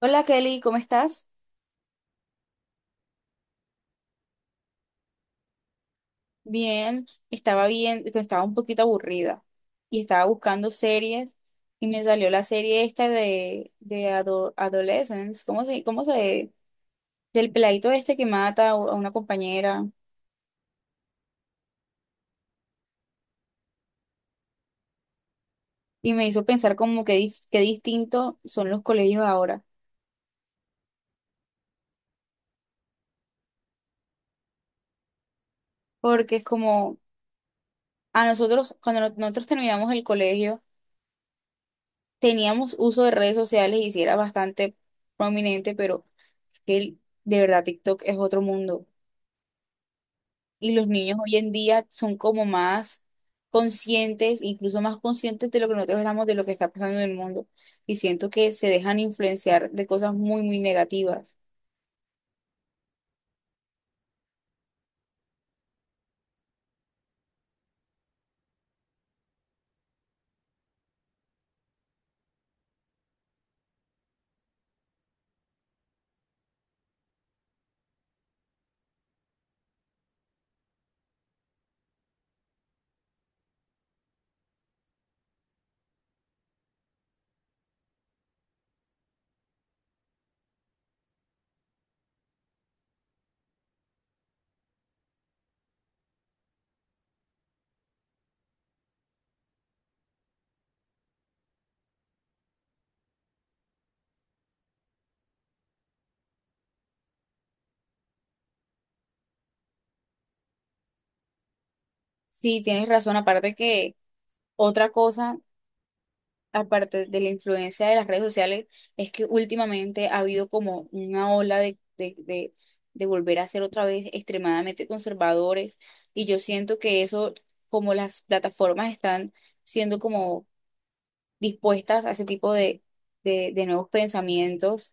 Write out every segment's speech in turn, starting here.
Hola Kelly, ¿cómo estás? Bien, estaba bien, pero estaba un poquito aburrida y estaba buscando series y me salió la serie esta de Adolescence, del peladito este que mata a una compañera y me hizo pensar como que qué distinto son los colegios ahora, porque es como a nosotros, cuando nosotros terminamos el colegio, teníamos uso de redes sociales y sí era bastante prominente, pero de verdad TikTok es otro mundo. Y los niños hoy en día son como más conscientes, incluso más conscientes de lo que nosotros éramos, de lo que está pasando en el mundo. Y siento que se dejan influenciar de cosas muy, muy negativas. Sí, tienes razón. Aparte que otra cosa, aparte de la influencia de las redes sociales, es que últimamente ha habido como una ola de volver a ser otra vez extremadamente conservadores. Y yo siento que eso, como las plataformas están siendo como dispuestas a ese tipo de nuevos pensamientos.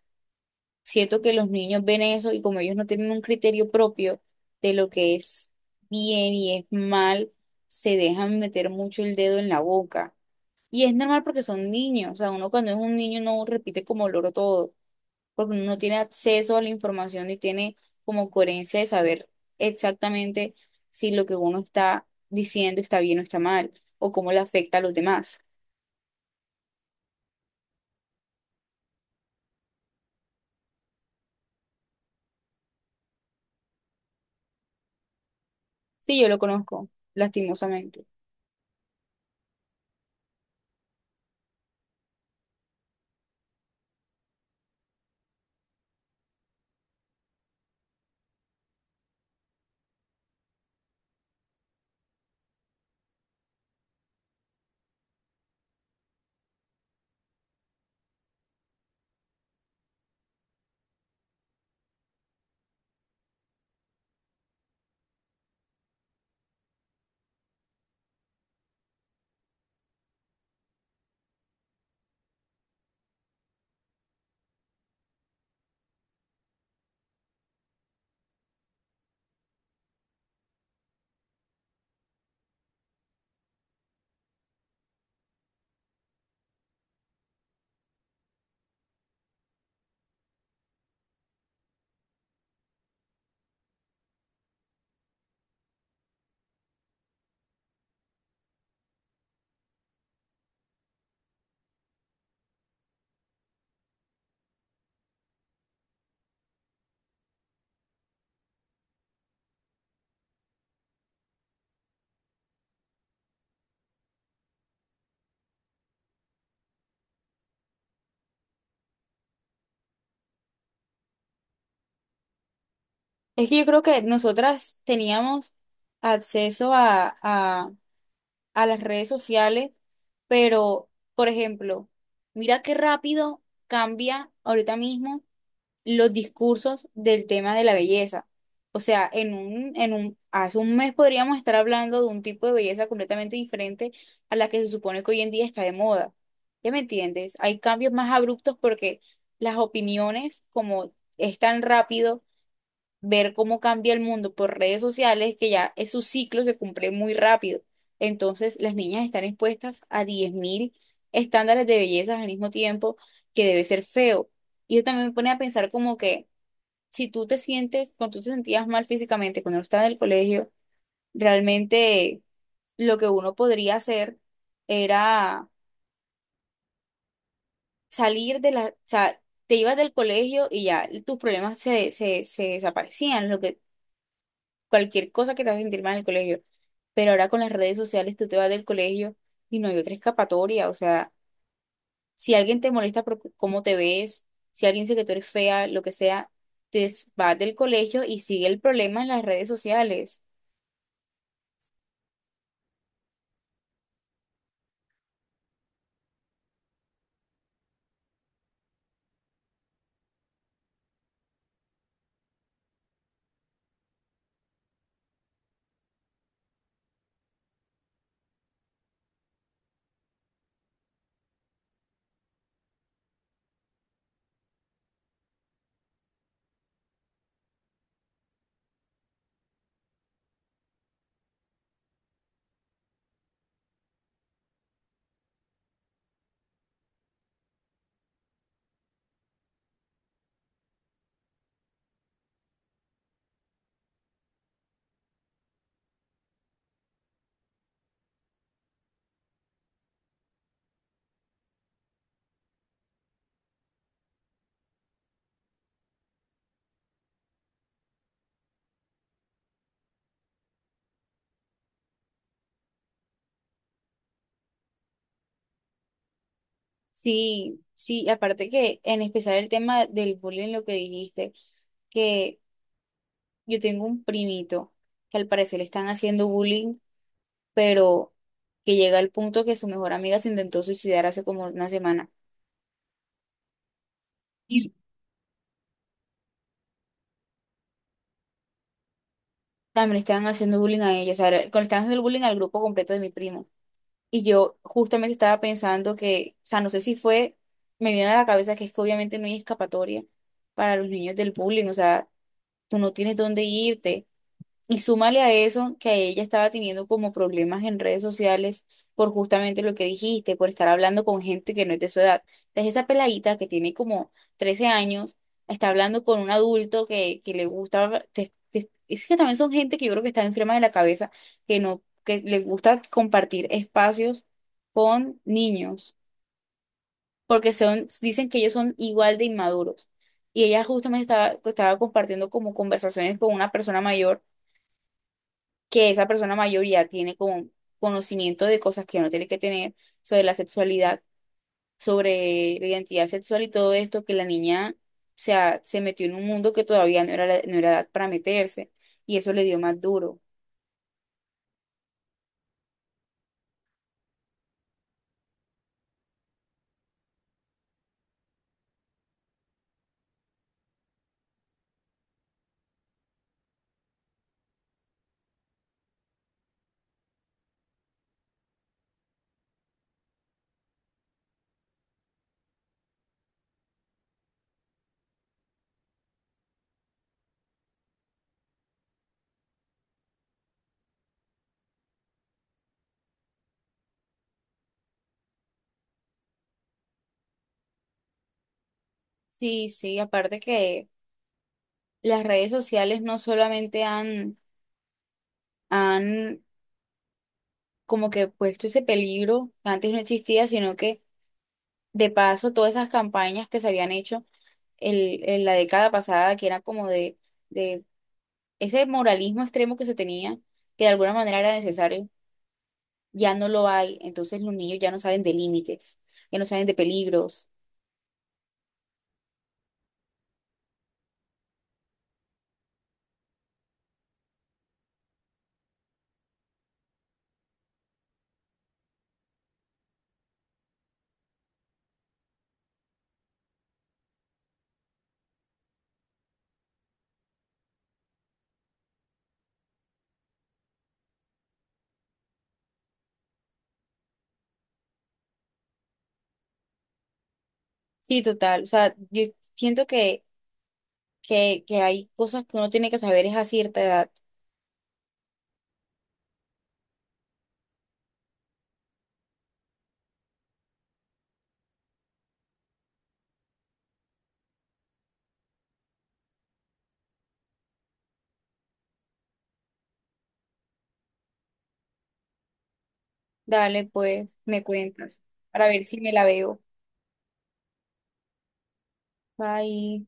Siento que los niños ven eso y como ellos no tienen un criterio propio de lo que es bien y es mal, se dejan meter mucho el dedo en la boca. Y es normal porque son niños, o sea, uno cuando es un niño no repite como loro todo, porque uno no tiene acceso a la información y tiene como coherencia de saber exactamente si lo que uno está diciendo está bien o está mal, o cómo le afecta a los demás. Sí, yo lo conozco, lastimosamente. Es que yo creo que nosotras teníamos acceso a las redes sociales, pero, por ejemplo, mira qué rápido cambia ahorita mismo los discursos del tema de la belleza. O sea, hace un mes podríamos estar hablando de un tipo de belleza completamente diferente a la que se supone que hoy en día está de moda. ¿Ya me entiendes? Hay cambios más abruptos porque las opiniones, como es tan rápido ver cómo cambia el mundo por redes sociales, que ya es su ciclo se cumple muy rápido. Entonces, las niñas están expuestas a 10.000 estándares de belleza al mismo tiempo, que debe ser feo. Y yo también me pone a pensar como que si tú te sientes, cuando tú te sentías mal físicamente, cuando no estabas en el colegio, realmente lo que uno podría hacer era salir de la, o sea, te ibas del colegio y ya tus problemas se desaparecían, lo que, cualquier cosa que te haga sentir mal en el colegio. Pero ahora con las redes sociales tú te vas del colegio y no hay otra escapatoria, o sea, si alguien te molesta por cómo te ves, si alguien dice que tú eres fea, lo que sea, te vas del colegio y sigue el problema en las redes sociales. Sí, sí, aparte que en especial el tema del bullying, lo que dijiste, que yo tengo un primito que al parecer le están haciendo bullying, pero que llega al punto que su mejor amiga se intentó suicidar hace como una semana. Y también le estaban haciendo bullying a ella, o sea, le estaban haciendo bullying al grupo completo de mi primo. Y yo justamente estaba pensando que, o sea, no sé si fue, me vino a la cabeza que es que obviamente no hay escapatoria para los niños del bullying, o sea, tú no tienes dónde irte. Y súmale a eso que ella estaba teniendo como problemas en redes sociales por justamente lo que dijiste, por estar hablando con gente que no es de su edad. Entonces esa peladita que tiene como 13 años está hablando con un adulto que le gusta, es que también son gente que yo creo que está enferma de la cabeza, que no, que le gusta compartir espacios con niños, porque son, dicen que ellos son igual de inmaduros. Y ella justamente estaba compartiendo como conversaciones con una persona mayor que esa persona mayoría tiene como conocimiento de cosas que no tiene que tener sobre la sexualidad, sobre la identidad sexual y todo esto, que la niña, o sea, se metió en un mundo que todavía no era, no era edad para meterse y eso le dio más duro. Sí, sí, aparte que las redes sociales no solamente han como que puesto ese peligro que antes no existía, sino que de paso todas esas campañas que se habían hecho en la década pasada, que era como de, ese moralismo extremo que se tenía, que de alguna manera era necesario, ya no lo hay. Entonces los niños ya no saben de límites, ya no saben de peligros. Sí, total. O sea, yo siento que hay cosas que uno tiene que saber es a cierta edad. Dale, pues, me cuentas, para ver si me la veo. Bye.